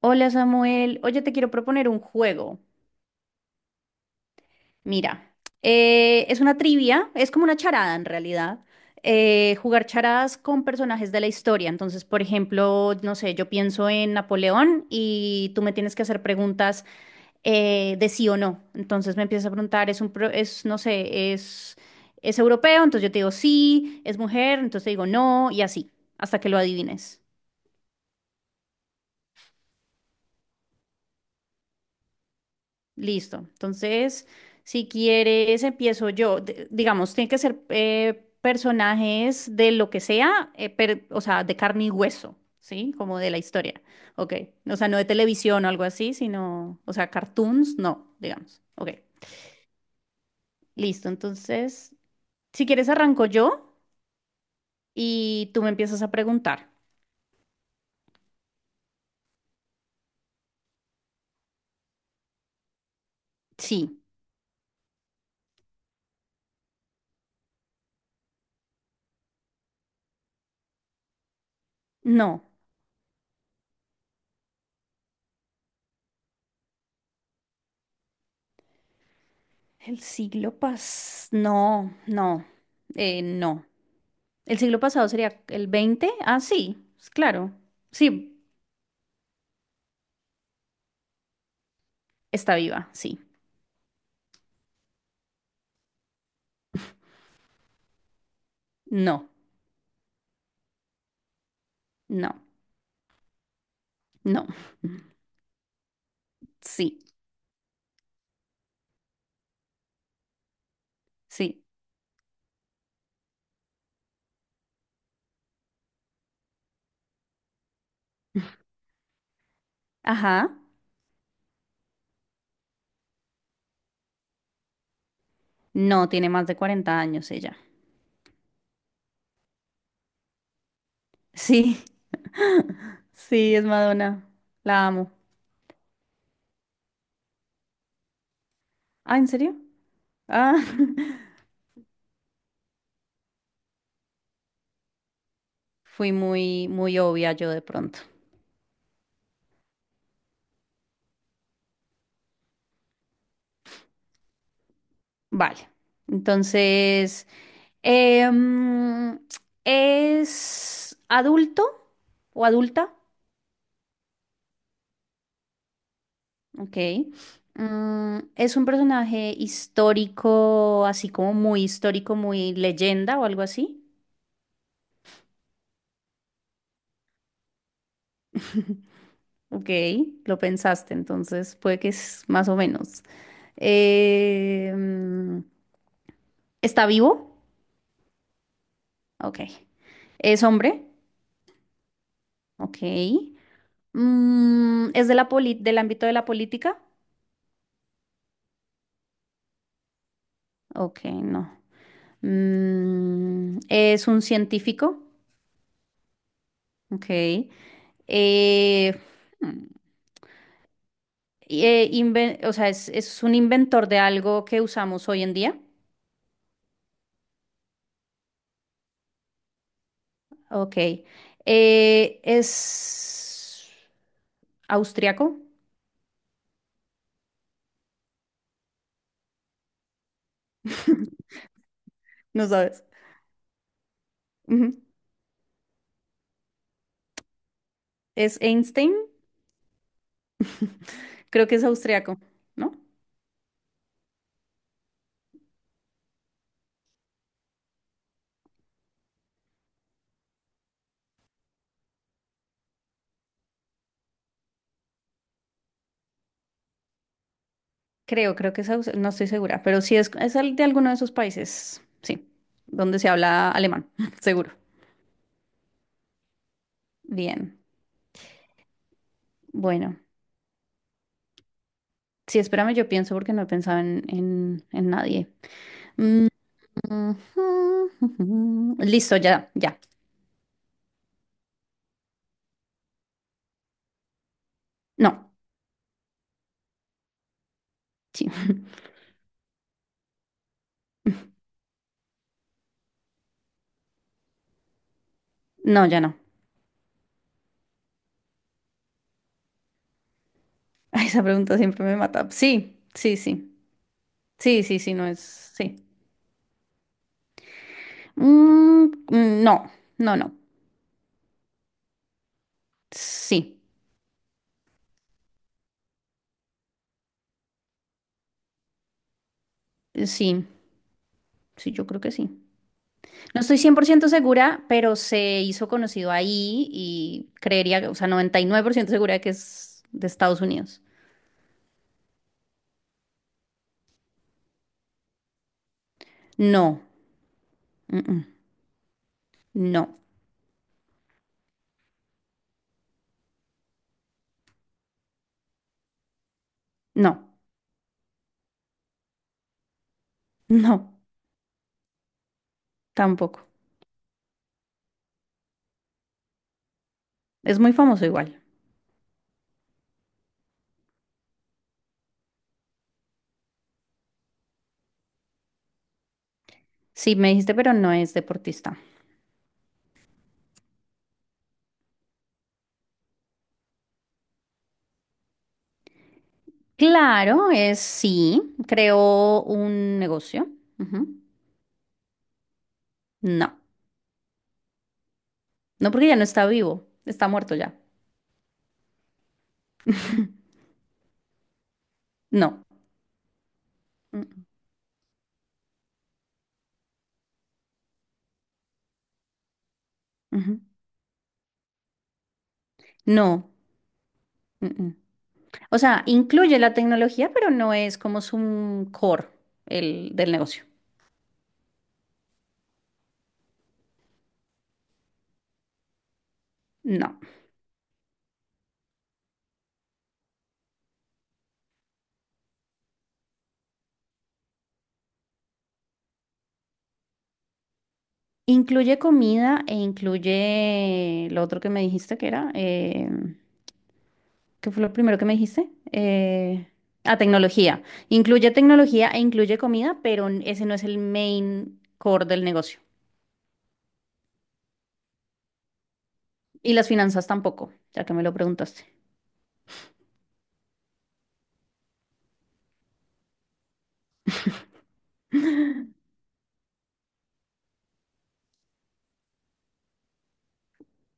Hola Samuel, oye, te quiero proponer un juego. Mira, es una trivia, es como una charada en realidad. Jugar charadas con personajes de la historia. Entonces, por ejemplo, no sé, yo pienso en Napoleón y tú me tienes que hacer preguntas de sí o no. Entonces me empiezas a preguntar, es un, pro- es, no sé, es europeo, entonces yo te digo sí, es mujer, entonces te digo no y así, hasta que lo adivines. Listo. Entonces, si quieres, empiezo yo. Digamos, tiene que ser personajes de lo que sea, o sea, de carne y hueso, ¿sí? Como de la historia. Ok. O sea, no de televisión o algo así, sino, o sea, cartoons, no, digamos. Ok. Listo. Entonces, si quieres, arranco yo y tú me empiezas a preguntar. Sí, no. No, no. No. El siglo pasado sería el 20. Ah, sí, claro. Sí, está viva, sí. No, no, no. Sí, sí. Ajá. No, tiene más de 40 años ella. Sí, sí, es Madonna. La amo. Ah, ¿en serio? Ah, fui muy, muy obvia yo de pronto. Vale. Entonces, em, ¿es adulto o adulta? Ok. ¿Es un personaje histórico, así como muy histórico, muy leyenda o algo así? Ok, lo pensaste, entonces puede que es más o menos. Eh, mm, ¿Está vivo? Ok. ¿Es hombre? Ok. ¿Es de la del ámbito de la política? Ok, no. ¿Es un científico? Ok. Eh, mm, o sea, es un inventor de algo que usamos hoy en día. Ok. Es austriaco. No sabes. Ujú. Es Einstein. Creo que es austriaco, ¿no? Creo, creo que es aus- No estoy segura, pero sí es de alguno de esos países. Sí. Donde se habla alemán, seguro. Bien. Bueno. Sí, espérame, yo pienso porque no he pensado en nadie. Mm, ujú, ujú. Listo, ya, ya. No. Sí. No, ya no. Ay, esa pregunta siempre me mata. Sí, sí, sí. Sí, sí, sí, no es. Sí. Mm, mm, no, no, no. Sí, sí, sí, yo creo que sí. No estoy 100% segura, pero se hizo conocido ahí y creería, o sea, 99% segura que es de Estados Unidos. No, mm, mm, no, no, no, tampoco. Es muy famoso igual. Sí, me dijiste, pero no es deportista. Claro, es sí, creó un negocio. Ujú. No, no porque ya no está vivo, está muerto ya. No. Mm, ujú. No. Mm, mm. O sea, incluye la tecnología, pero no es como su core del negocio. No. Incluye comida e incluye lo otro que me dijiste que era. ¿Qué fue lo primero que me dijiste? Tecnología. Incluye tecnología e incluye comida, pero ese no es el main core del negocio. Y las finanzas tampoco, ya que me lo preguntaste.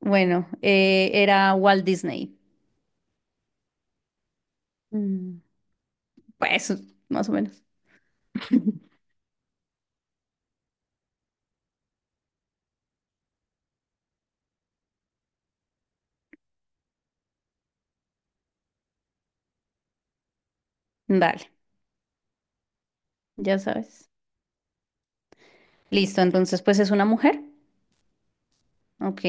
Bueno, era Walt Disney. Mm, Pues, más o menos. Dale, ya sabes. Listo, entonces, pues es una mujer. Ok.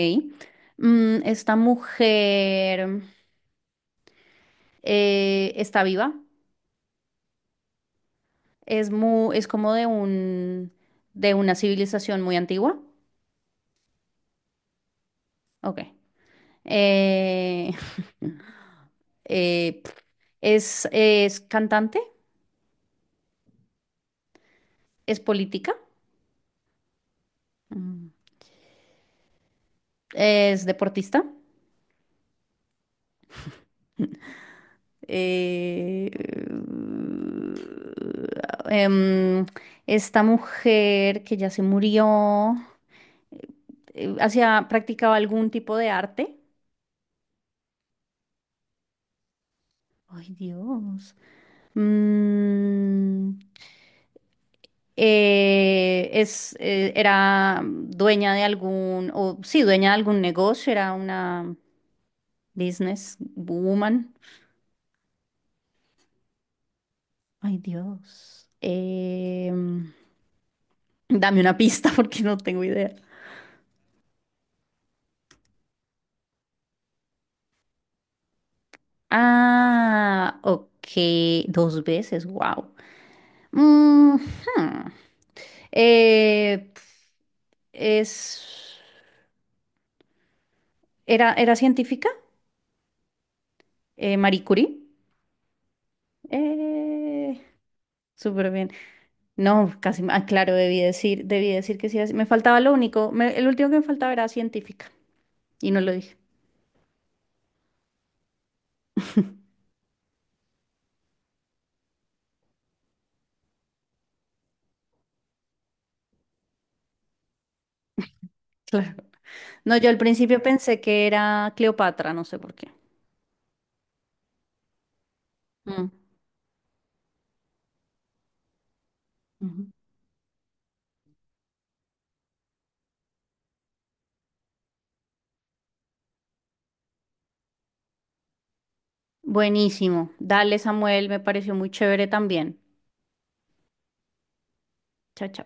Esta mujer está viva. Es como de una civilización muy antigua. Ok. Eh, eh, pf, es cantante, es política, Mm. es deportista. eh, uh, em, esta mujer que ya se murió, practicaba algún tipo de arte. Ay, Dios. Mm, era dueña de algún negocio, era una Business Woman. Ay, Dios. Dame una pista porque no tengo idea. Ah, ok. Dos veces, wow. es, era científica, Marie Curie. Eh, Súper bien. No, casi, ah, claro, debí decir que sí. Me faltaba lo único, el último que me faltaba era científica y no lo dije. Claro. No, yo al principio pensé que era Cleopatra, no sé por qué. Mm. Ujú. Buenísimo. Dale, Samuel, me pareció muy chévere también. Chao, chao.